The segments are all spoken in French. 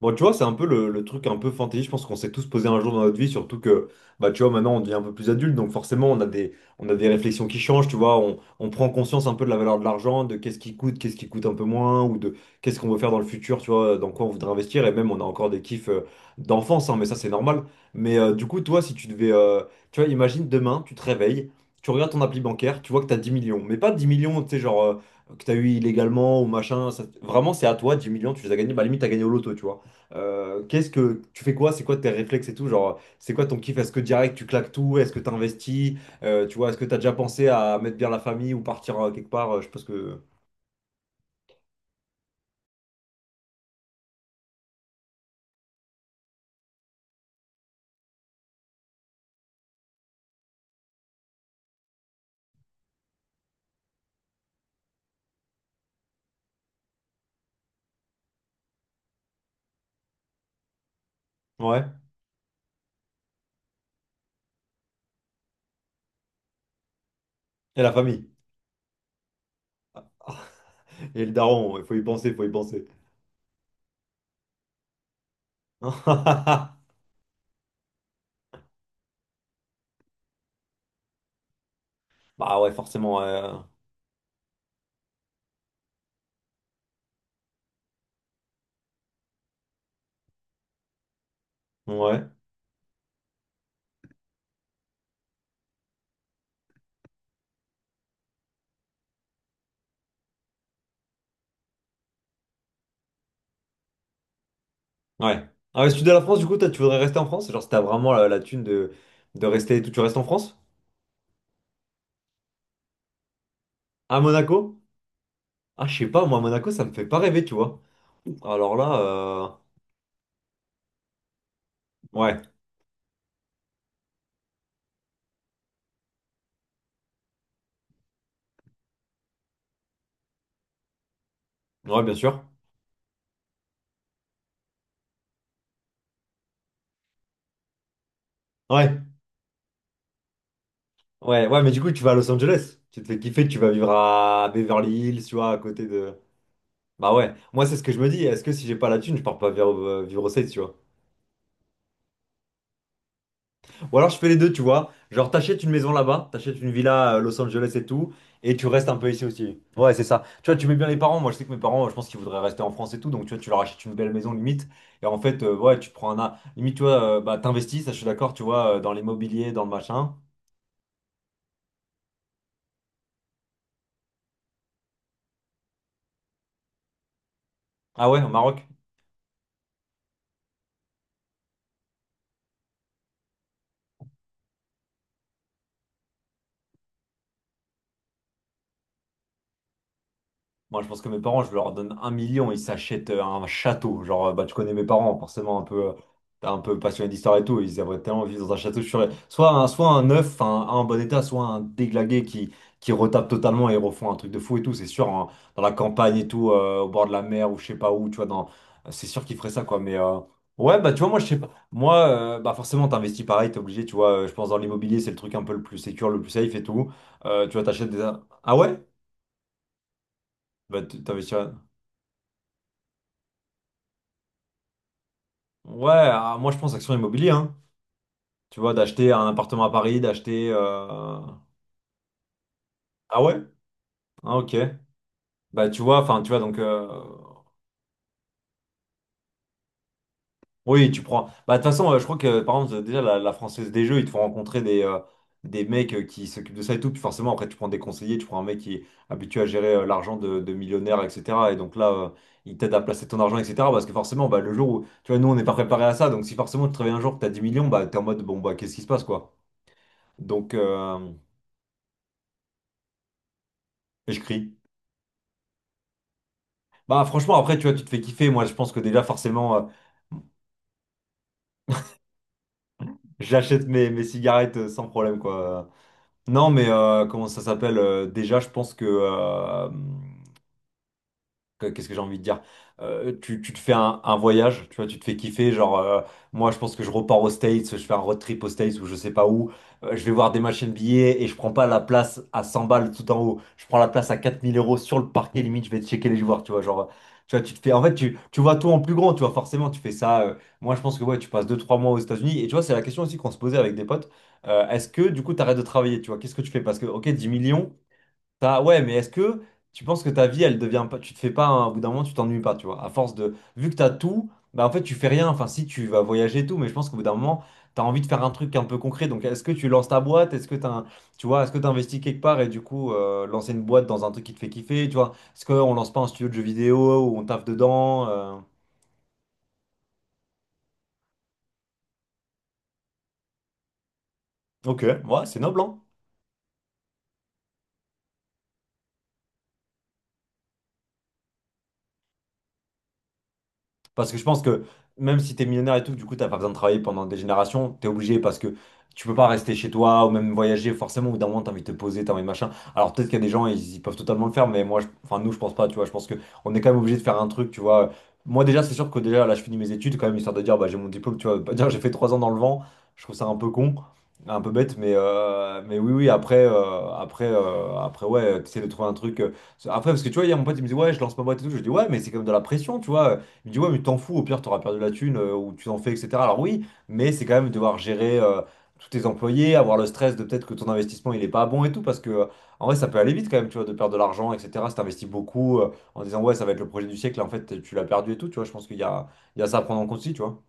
Bon, tu vois, c'est un peu le truc un peu fantaisie, je pense qu'on s'est tous posé un jour dans notre vie, surtout que, bah, tu vois, maintenant on devient un peu plus adulte, donc forcément on a des réflexions qui changent, tu vois, on prend conscience un peu de la valeur de l'argent, de qu'est-ce qui coûte un peu moins, ou de qu'est-ce qu'on veut faire dans le futur, tu vois, dans quoi on voudrait investir, et même on a encore des kiffs d'enfance, hein, mais ça c'est normal. Mais du coup, toi, si tu devais, tu vois, imagine demain, tu te réveilles, tu regardes ton appli bancaire, tu vois que t'as 10 millions, mais pas 10 millions, tu sais, genre, que t'as eu illégalement ou machin, vraiment c'est à toi, 10 millions, tu les as gagnés, bah limite t'as gagné au loto, tu vois. Qu'est-ce que tu fais quoi? C'est quoi tes réflexes et tout? Genre, c'est quoi ton kiff? Est-ce que direct tu claques tout? Est-ce que tu investis? Tu vois, est-ce que tu as déjà pensé à mettre bien la famille ou partir quelque part? Je pense que. Ouais. Et la famille. Et le daron, il faut y penser, il faut y penser. Bah ouais, forcément. Ouais. Ouais. Ah ouais, sud de la France, du coup, toi, tu voudrais rester en France? Genre, si t'as vraiment la thune de rester et tout, tu restes en France? À Monaco? Ah, je sais pas, moi, Monaco, ça me fait pas rêver, tu vois. Alors là, ouais. Ouais, bien sûr. Ouais. Ouais, ouais, mais du coup, tu vas à Los Angeles. Tu te fais kiffer, tu vas vivre à Beverly Hills, tu vois, à côté de. Bah ouais, moi, c'est ce que je me dis. Est-ce que si j'ai pas la thune, je pars pas vivre, vivre aux States, tu vois? Ou alors, je fais les deux, tu vois. Genre, t'achètes une maison là-bas, t'achètes une villa à Los Angeles et tout, et tu restes un peu ici aussi. Ouais, c'est ça. Tu vois, tu mets bien les parents. Moi, je sais que mes parents, je pense qu'ils voudraient rester en France et tout, donc tu vois, tu leur achètes une belle maison limite. Et en fait, ouais, tu prends un. A- Limite, tu vois, bah, t'investis, ça, je suis d'accord, tu vois, dans l'immobilier, dans le machin. Ah ouais, au Maroc? Moi, je pense que mes parents, je leur donne 1 million, ils s'achètent un château. Genre, bah, tu connais mes parents, forcément, un peu, t'es un peu passionné d'histoire et tout. Ils aimeraient tellement vivre dans un château. Soit un neuf, un bon état, soit un déglagué qui retape totalement et refont un truc de fou et tout. C'est sûr, hein, dans la campagne et tout, au bord de la mer ou je sais pas où, tu vois, dans... C'est sûr qu'ils feraient ça, quoi. Mais ouais, bah, tu vois, moi, je sais pas. Moi, bah, forcément, t'investis pareil, t'es obligé, tu vois. Je pense dans l'immobilier, c'est le truc un peu le plus sécure, le plus safe et tout. Tu vois, t'achètes des. Ah ouais? Bah, t'investis. Ouais, ah, moi je pense action immobilière, hein. Tu vois, d'acheter un appartement à Paris, d'acheter. Ah ouais? Ah ok. Bah tu vois, enfin tu vois donc. Oui, tu prends. Bah de toute façon, je crois que par exemple, déjà la Française des Jeux, ils te font rencontrer des mecs qui s'occupent de ça et tout. Puis forcément, après tu prends des conseillers, tu prends un mec qui est habitué à gérer l'argent de millionnaires, etc. Et donc là, il t'aide à placer ton argent, etc. Parce que forcément, bah, le jour où. Tu vois, nous on n'est pas préparé à ça. Donc si forcément tu te réveilles un jour que t'as 10 millions, bah t'es en mode bon, bah qu'est-ce qui se passe quoi? Donc. Et je crie. Bah franchement après tu vois tu te fais kiffer moi je pense que déjà forcément j'achète mes cigarettes sans problème quoi. Non mais comment ça s'appelle déjà je pense que Qu'est-ce que j'ai envie de dire? Tu te fais un voyage, tu vois, tu te fais kiffer. Genre, moi, je pense que je repars aux States, je fais un road trip aux States ou je sais pas où. Je vais voir des machines billets et je prends pas la place à 100 balles tout en haut. Je prends la place à 4 000 euros sur le parquet, limite, je vais checker les joueurs, tu vois. Genre, tu vois, tu te fais. En fait, tu vois tout en plus grand, tu vois, forcément, tu fais ça. Moi, je pense que ouais, tu passes deux trois mois aux États-Unis. Et tu vois, c'est la question aussi qu'on se posait avec des potes. Est-ce que, du coup, tu arrêtes de travailler, tu vois? Qu'est-ce que tu fais? Parce que, ok, 10 millions. Ça, ouais, mais est-ce que tu penses que ta vie, elle devient pas, tu te fais pas, hein, au bout d'un moment, tu t'ennuies pas, tu vois, à force de, vu que t'as tout, bah en fait, tu fais rien, enfin, si tu vas voyager et tout, mais je pense qu'au bout d'un moment, t'as envie de faire un truc un peu concret, donc est-ce que tu lances ta boîte, est-ce que t'as, tu vois, est-ce que t'investis quelque part et du coup, lancer une boîte dans un truc qui te fait kiffer, tu vois, est-ce qu'on lance pas un studio de jeux vidéo où on taffe dedans, ok, ouais, c'est noble, hein. Parce que je pense que même si t'es millionnaire et tout, du coup, t'as pas besoin de travailler pendant des générations, t'es obligé parce que tu peux pas rester chez toi ou même voyager, forcément, au bout d'un moment, t'as envie de te poser, t'as envie de machin. Alors peut-être qu'il y a des gens, ils peuvent totalement le faire, mais moi, enfin, nous, je pense pas, tu vois, je pense que on est quand même obligé de faire un truc, tu vois. Moi, déjà, c'est sûr que déjà, là, je finis mes études, quand même, histoire de dire, bah, j'ai mon diplôme, tu vois, pas dire, j'ai fait 3 ans dans le vent, je trouve ça un peu con. Un peu bête, mais oui, oui, après, ouais, tu de trouver un truc. Après, parce que tu vois, hier, mon pote, il me dit, ouais, je lance ma boîte et tout. Je lui dis, ouais, mais c'est quand même de la pression, tu vois. Il me dit, ouais, mais t'en fous, au pire, t'auras perdu la thune ou tu t'en fais, etc. Alors oui, mais c'est quand même devoir gérer tous tes employés, avoir le stress de peut-être que ton investissement, il est pas bon et tout, parce que en vrai, ça peut aller vite quand même, tu vois, de perdre de l'argent, etc. Si t'investis beaucoup en disant, ouais, ça va être le projet du siècle, en fait, tu l'as perdu et tout, tu vois, je pense qu'il y a il y a ça à prendre en compte aussi, tu vois.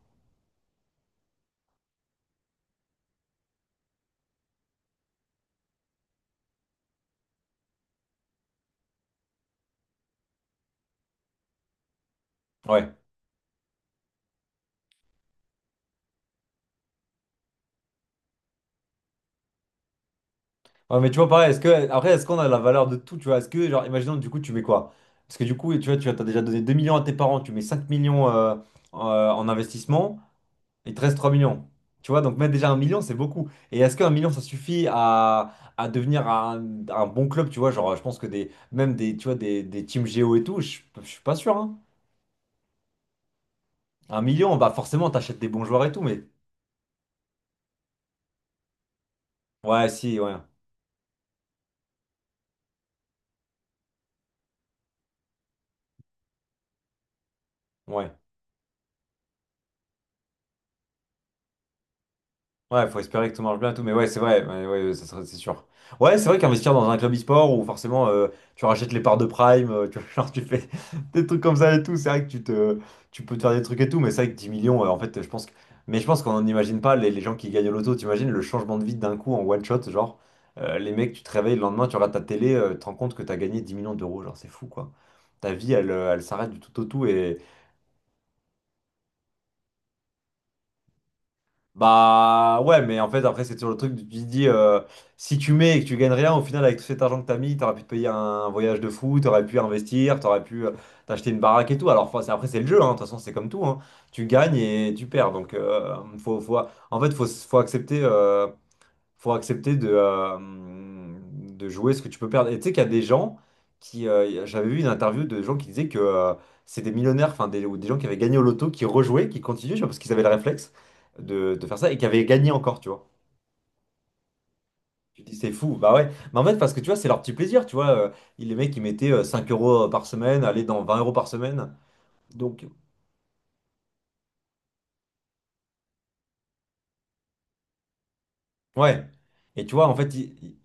Ouais. Ouais, mais tu vois, pareil, est-ce que, après, est-ce qu'on a la valeur de tout, tu vois, est-ce que, genre, imaginons, du coup, tu mets quoi? Parce que du coup, tu vois, tu as déjà donné 2 millions à tes parents, tu mets 5 millions en investissement. Il te reste 3 millions. Tu vois, donc mettre déjà 1 million, c'est beaucoup. Et est-ce qu'1 million, ça suffit à devenir un bon club, tu vois, genre, je pense que des, même des, tu vois, des teams Géo et tout, je suis pas sûr, hein. Un million, bah forcément, t'achètes des bons joueurs et tout, mais... Ouais, si, ouais. Ouais. Ouais, faut espérer que tout marche bien et tout, mais ouais, c'est vrai, ouais, ouais, ça serait, c'est sûr. Ouais, c'est vrai qu'investir dans un club e-sport où forcément tu rachètes les parts de Prime, tu vois, genre tu fais des trucs comme ça et tout, c'est vrai que tu te, tu peux te faire des trucs et tout, mais c'est vrai que 10 millions, en fait, je pense que, mais je pense qu'on n'imagine pas les gens qui gagnent au loto. T'imagines le changement de vie d'un coup en one shot, genre les mecs, tu te réveilles le lendemain, tu regardes ta télé, tu te rends compte que t'as gagné 10 millions d'euros, genre c'est fou quoi. Ta vie, elle s'arrête du tout au tout. Et bah ouais, mais en fait, après, c'est toujours le truc, tu te dis, si tu mets et que tu gagnes rien, au final, avec tout cet argent que t'as mis, t'aurais pu te payer un voyage de fou, t'aurais pu investir, t'aurais pu t'acheter une baraque et tout. Alors, enfin, c'est- après, c'est le jeu, hein. De toute façon, c'est comme tout, hein. Tu gagnes et tu perds. Donc, en fait, faut accepter. Faut accepter de jouer ce que tu peux perdre. Et tu sais qu'il y a des gens qui. J'avais vu une interview de gens qui disaient que c'est des millionnaires, enfin des, ou des gens qui avaient gagné au loto, qui rejouaient, qui continuaient, je sais pas, parce qu'ils avaient le réflexe de faire ça et qui avaient gagné encore, tu vois. Tu te dis c'est fou, bah ouais. Mais en fait, parce que tu vois, c'est leur petit plaisir, tu vois. Les mecs, ils mettaient 5 euros par semaine, aller dans 20 euros par semaine. Donc, ouais. Et tu vois, en fait, ils,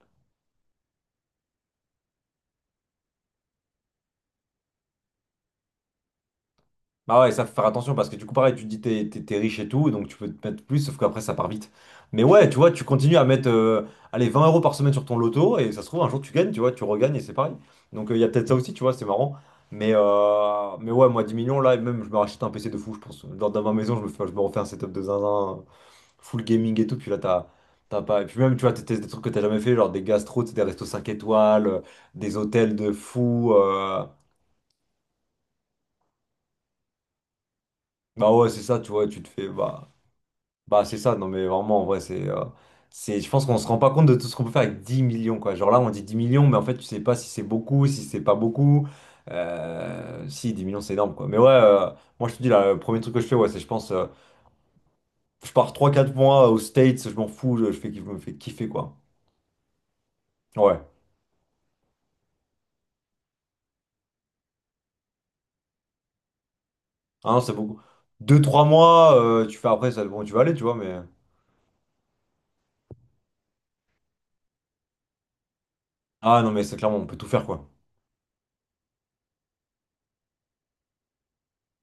bah ouais, ça faut faire attention parce que du coup, pareil, tu te dis t'es riche et tout, donc tu peux te mettre plus, sauf qu'après ça part vite. Mais ouais, tu vois, tu continues à mettre allez, 20 euros par semaine sur ton loto et ça se trouve, un jour tu gagnes, tu vois, tu regagnes et c'est pareil. Donc, il y a peut-être ça aussi, tu vois, c'est marrant. Mais ouais, moi 10 millions là, et même je me rachète un PC de fou, je pense. Dans ma maison, je me refais un setup de zinzin, full gaming et tout, puis là t'as. T'as pas... Et puis même, tu vois, t'es des trucs que t'as jamais fait, genre des gastros, tu sais, des restos 5 étoiles, des hôtels de fou. Bah ouais, c'est ça, tu vois, tu te fais... Bah... Bah, c'est ça, non, mais vraiment, en vrai, c'est, je pense qu'on se rend pas compte de tout ce qu'on peut faire avec 10 millions, quoi. Genre là, on dit 10 millions, mais en fait, tu sais pas si c'est beaucoup, si c'est pas beaucoup. Si, 10 millions, c'est énorme, quoi. Mais ouais, moi, je te dis, là, le premier truc que je fais, ouais, c'est, je pense, je pars 3 4 mois aux States, je m'en fous, je fais, je me fais kiffer, quoi. Ouais. Ah non, c'est beaucoup. 2 3 mois, tu fais après, ça, bon, tu vas aller, tu vois, mais. Ah non, mais c'est clairement, on peut tout faire, quoi.